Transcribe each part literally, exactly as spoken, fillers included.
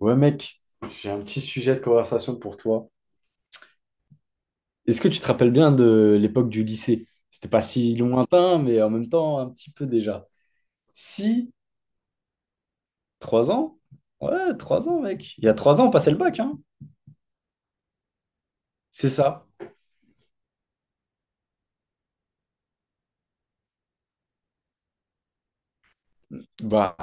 Ouais, mec, j'ai un petit sujet de conversation pour toi. Est-ce que tu te rappelles bien de l'époque du lycée? C'était pas si lointain, mais en même temps, un petit peu déjà. Si, trois ans? Ouais, trois ans, mec. Il y a trois ans, on passait le bac, hein? C'est ça. Bah,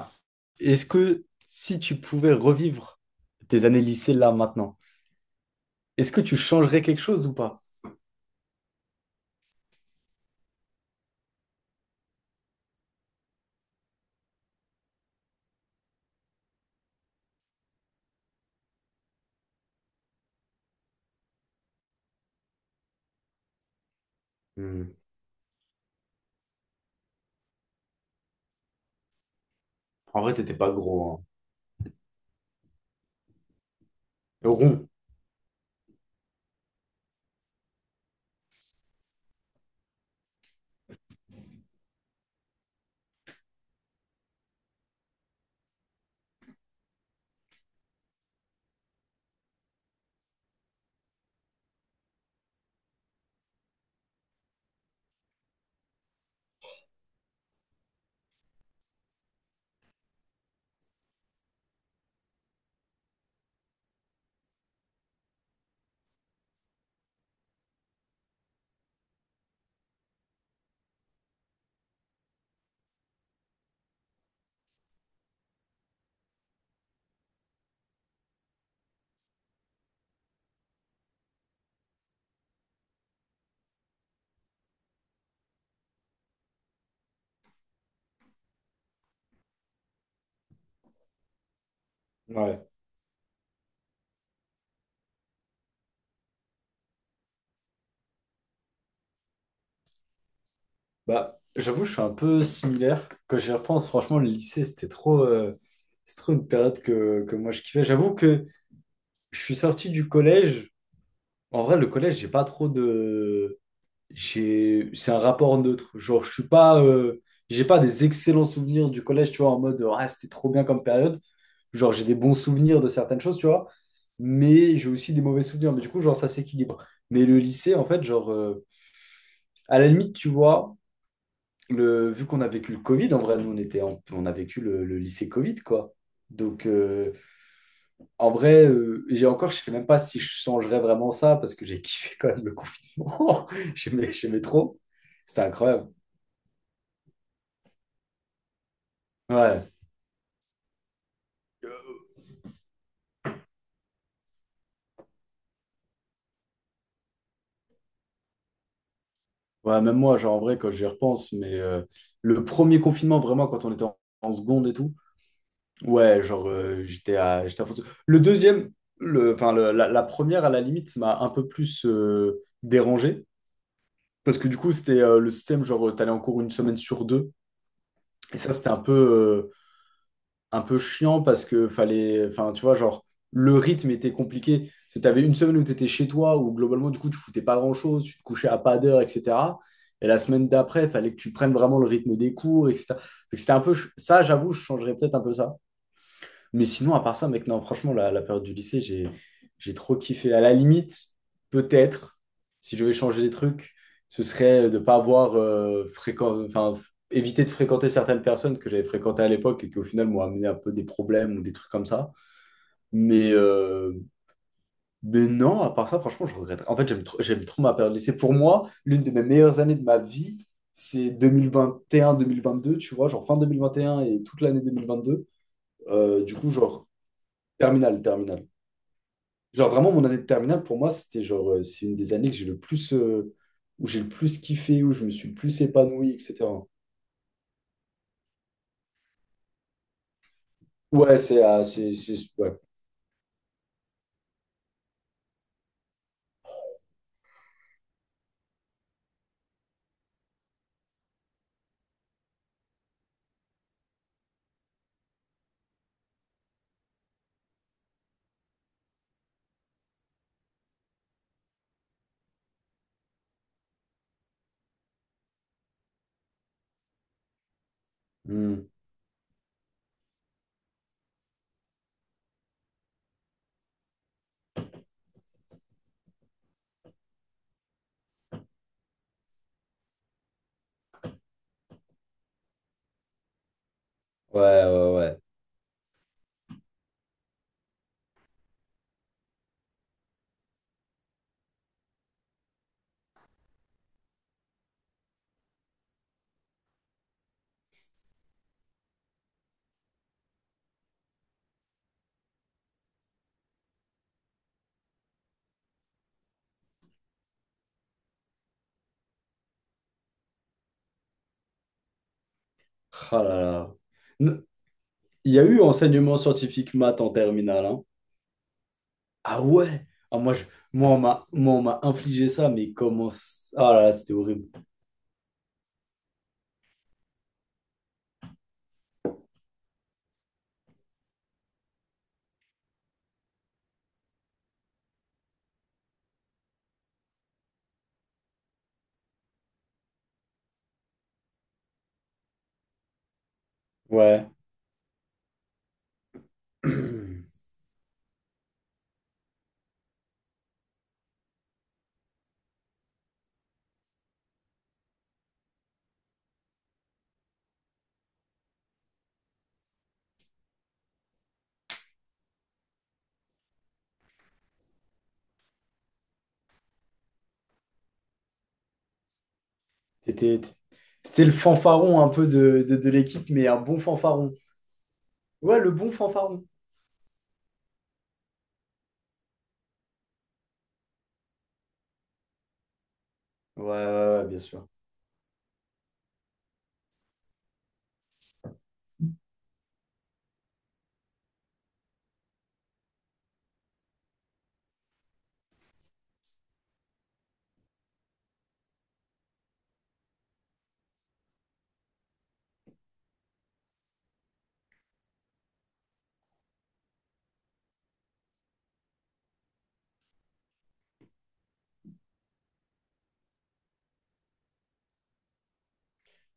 est-ce que si tu pouvais revivre tes années lycée là, maintenant, est-ce que tu changerais quelque chose ou pas? Hmm. En vrai, t'étais pas gros, hein. Rond. Ouais. Bah, j'avoue, je suis un peu similaire. Quand j'y repense, franchement, le lycée, c'était trop, euh, c'est trop une période que, que moi je kiffais. J'avoue que je suis sorti du collège. En vrai, le collège, j'ai pas trop de. J'ai. C'est un rapport neutre. Genre, je suis pas. euh, J'ai pas des excellents souvenirs du collège, tu vois, en mode, ah, c'était trop bien comme période. Genre, j'ai des bons souvenirs de certaines choses, tu vois. Mais j'ai aussi des mauvais souvenirs. Mais du coup, genre, ça s'équilibre. Mais le lycée, en fait, genre, euh, à la limite, tu vois. Le, vu qu'on a vécu le Covid, en vrai, nous, on était en- on a vécu le, le lycée Covid, quoi. Donc, euh, en vrai, euh, j'ai encore, je sais même pas si je changerais vraiment ça parce que j'ai kiffé quand même le confinement. J'aimais, j'aimais trop. C'était incroyable. Ouais. Ouais, même moi, genre, en vrai, quand j'y repense, mais euh, le premier confinement, vraiment, quand on était en, en seconde et tout, ouais, genre, euh, j'étais à, j'étais à fond dessus. Le deuxième, le, enfin, le- la, la première, à la limite, m'a un peu plus euh, dérangé. Parce que du coup, c'était euh, le système, genre, t'allais en cours une semaine sur deux. Et ça, c'était un peu, euh, un peu chiant parce que fallait, enfin, tu vois, genre, le rythme était compliqué. Tu t'avais une semaine où t'étais chez toi, où globalement, du coup, tu foutais pas grand-chose, tu te couchais à pas d'heure, et cetera. Et la semaine d'après, il fallait que tu prennes vraiment le rythme des cours, et cetera. Donc, c'était un peu, ch- ça, j'avoue, je changerais peut-être un peu ça. Mais sinon, à part ça, mec, non, franchement, la, la période du lycée, j'ai, j'ai trop kiffé. À la limite, peut-être, si je devais changer des trucs, ce serait de pas avoir euh, fréquent, enfin, f- éviter de fréquenter certaines personnes que j'avais fréquentées à l'époque et qui, au final, m'ont amené un peu des problèmes ou des trucs comme ça. Mais, euh, mais non, à part ça, franchement, je regrette. En fait, j'aime trop, j'aime trop ma période de lycée. Pour moi, l'une de mes meilleures années de ma vie, c'est deux mille vingt et un-deux mille vingt-deux, tu vois, genre fin deux mille vingt et un et un et toute l'année deux mille vingt-deux. Euh, du coup, genre, terminal, terminal. Genre vraiment mon année de terminale pour moi c'était genre euh, c'est une des années que j'ai le plus euh, où j'ai le plus kiffé où je me suis le plus épanoui, et cetera. Ouais, c'est, ah, c'est c'est- ouais. Hmm. Ouais, ouais, ouais. Ah là là. N- Il y a eu enseignement scientifique maths en terminale, hein. Ah ouais. Ah, moi je moi on m'a moi, on m'a infligé ça mais comment c- ah là là, c'était horrible. Ouais. T'étais t'étais le fanfaron un peu de, de de l'équipe mais un bon fanfaron. Ouais, le bon fanfaron. Ouais, ouais, ouais, bien sûr.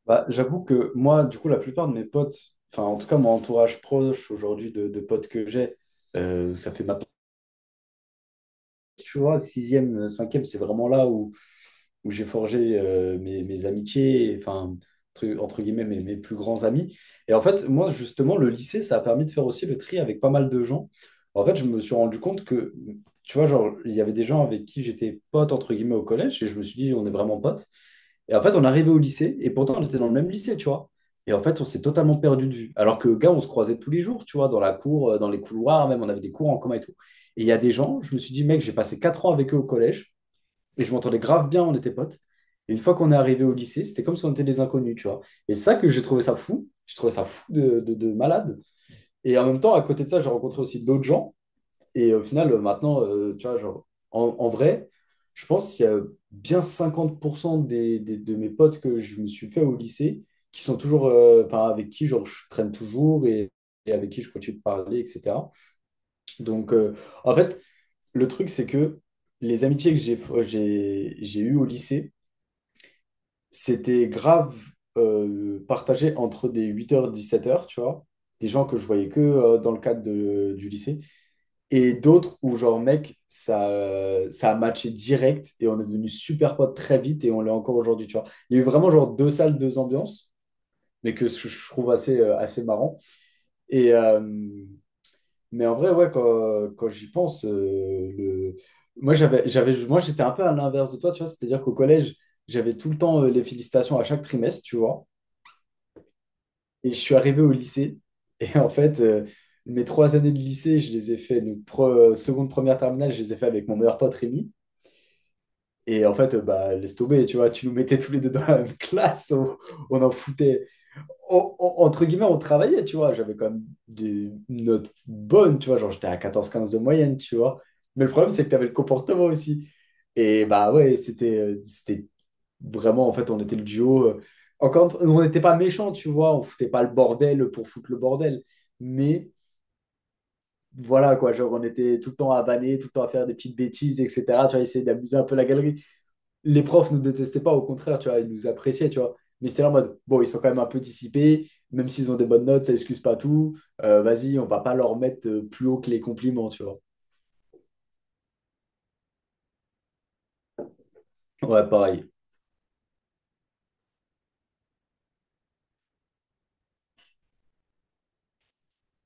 Bah, j'avoue que moi, du coup, la plupart de mes potes, enfin, en tout cas, mon entourage proche aujourd'hui de, de potes que j'ai, euh, ça fait maintenant, tu vois, sixième, euh, cinquième, c'est vraiment là où, où j'ai forgé euh, mes, mes amitiés, et, enfin, entre, entre guillemets, mes, mes plus grands amis. Et en fait, moi, justement, le lycée, ça a permis de faire aussi le tri avec pas mal de gens. En fait, je me suis rendu compte que, tu vois, genre, il y avait des gens avec qui j'étais pote, entre guillemets, au collège, et je me suis dit, on est vraiment potes. Et en fait, on arrivait au lycée, et pourtant, on était dans le même lycée, tu vois. Et en fait, on s'est totalement perdu de vue. Alors que, gars, on se croisait tous les jours, tu vois, dans la cour, euh, dans les couloirs, même, on avait des cours en commun et tout. Et il y a des gens, je me suis dit, mec, j'ai passé quatre ans avec eux au collège, et je m'entendais grave bien, on était potes. Et une fois qu'on est arrivé au lycée, c'était comme si on était des inconnus, tu vois. Et c'est ça que j'ai trouvé ça fou. J'ai trouvé ça fou de, de, de malade. Et en même temps, à côté de ça, j'ai rencontré aussi d'autres gens. Et au final, euh, maintenant, euh, tu vois, genre, en, en vrai, je pense qu'il y a bien cinquante pour cent des, des- de mes potes que je me suis fait au lycée qui sont toujours, euh, enfin, avec qui, genre, je traîne toujours et, et avec qui je continue de parler, et cetera. Donc, euh, en fait, le truc, c'est que les amitiés que j'ai, euh, j'ai, j'ai eues au lycée, c'était grave euh, partagé entre des huit heures, dix-sept heures, tu vois, des gens que je voyais que euh, dans le cadre de- du lycée. Et d'autres où, genre, mec, ça, euh, ça a matché direct et on est devenu super potes très vite et on l'est encore aujourd'hui, tu vois. Il y a eu vraiment, genre, deux salles, deux ambiances, mais que je je trouve assez, euh, assez marrant. Et, euh, mais en vrai, ouais, quand, quand j'y pense, euh, le... moi, j'avais, j'avais, moi, j'étais un peu à l'inverse de toi, tu vois. C'est-à-dire qu'au collège, j'avais tout le temps euh, les félicitations à chaque trimestre, tu vois. Et je suis arrivé au lycée et en fait, euh, mes trois années de lycée, je les ai fait, donc pre- seconde, première, terminale, je les ai fait avec mon meilleur pote Rémi. Et en fait, euh, bah, laisse tomber, tu vois, tu nous mettais tous les deux dans la même classe, on, on en foutait. On- on- entre guillemets, on travaillait, tu vois. J'avais quand même des notes bonnes, tu vois, genre j'étais à quatorze, quinze de moyenne, tu vois. Mais le problème, c'est que tu avais le comportement aussi. Et bah ouais, c'était euh, c'était vraiment, en fait, on était le duo. euh, Encore, on n'était pas méchants, tu vois, on foutait pas le bordel pour foutre le bordel. Mais voilà, quoi, genre on était tout le temps à vanner, tout le temps à faire des petites bêtises, et cetera. Tu vois, essayer d'amuser un peu la galerie. Les profs nous détestaient pas, au contraire, tu vois, ils nous appréciaient, tu vois. Mais c'était là en mode, bon, ils sont quand même un peu dissipés, même s'ils ont des bonnes notes, ça excuse pas tout. Euh, vas-y, on va pas leur mettre euh, plus haut que les compliments, tu vois. Ouais, pareil.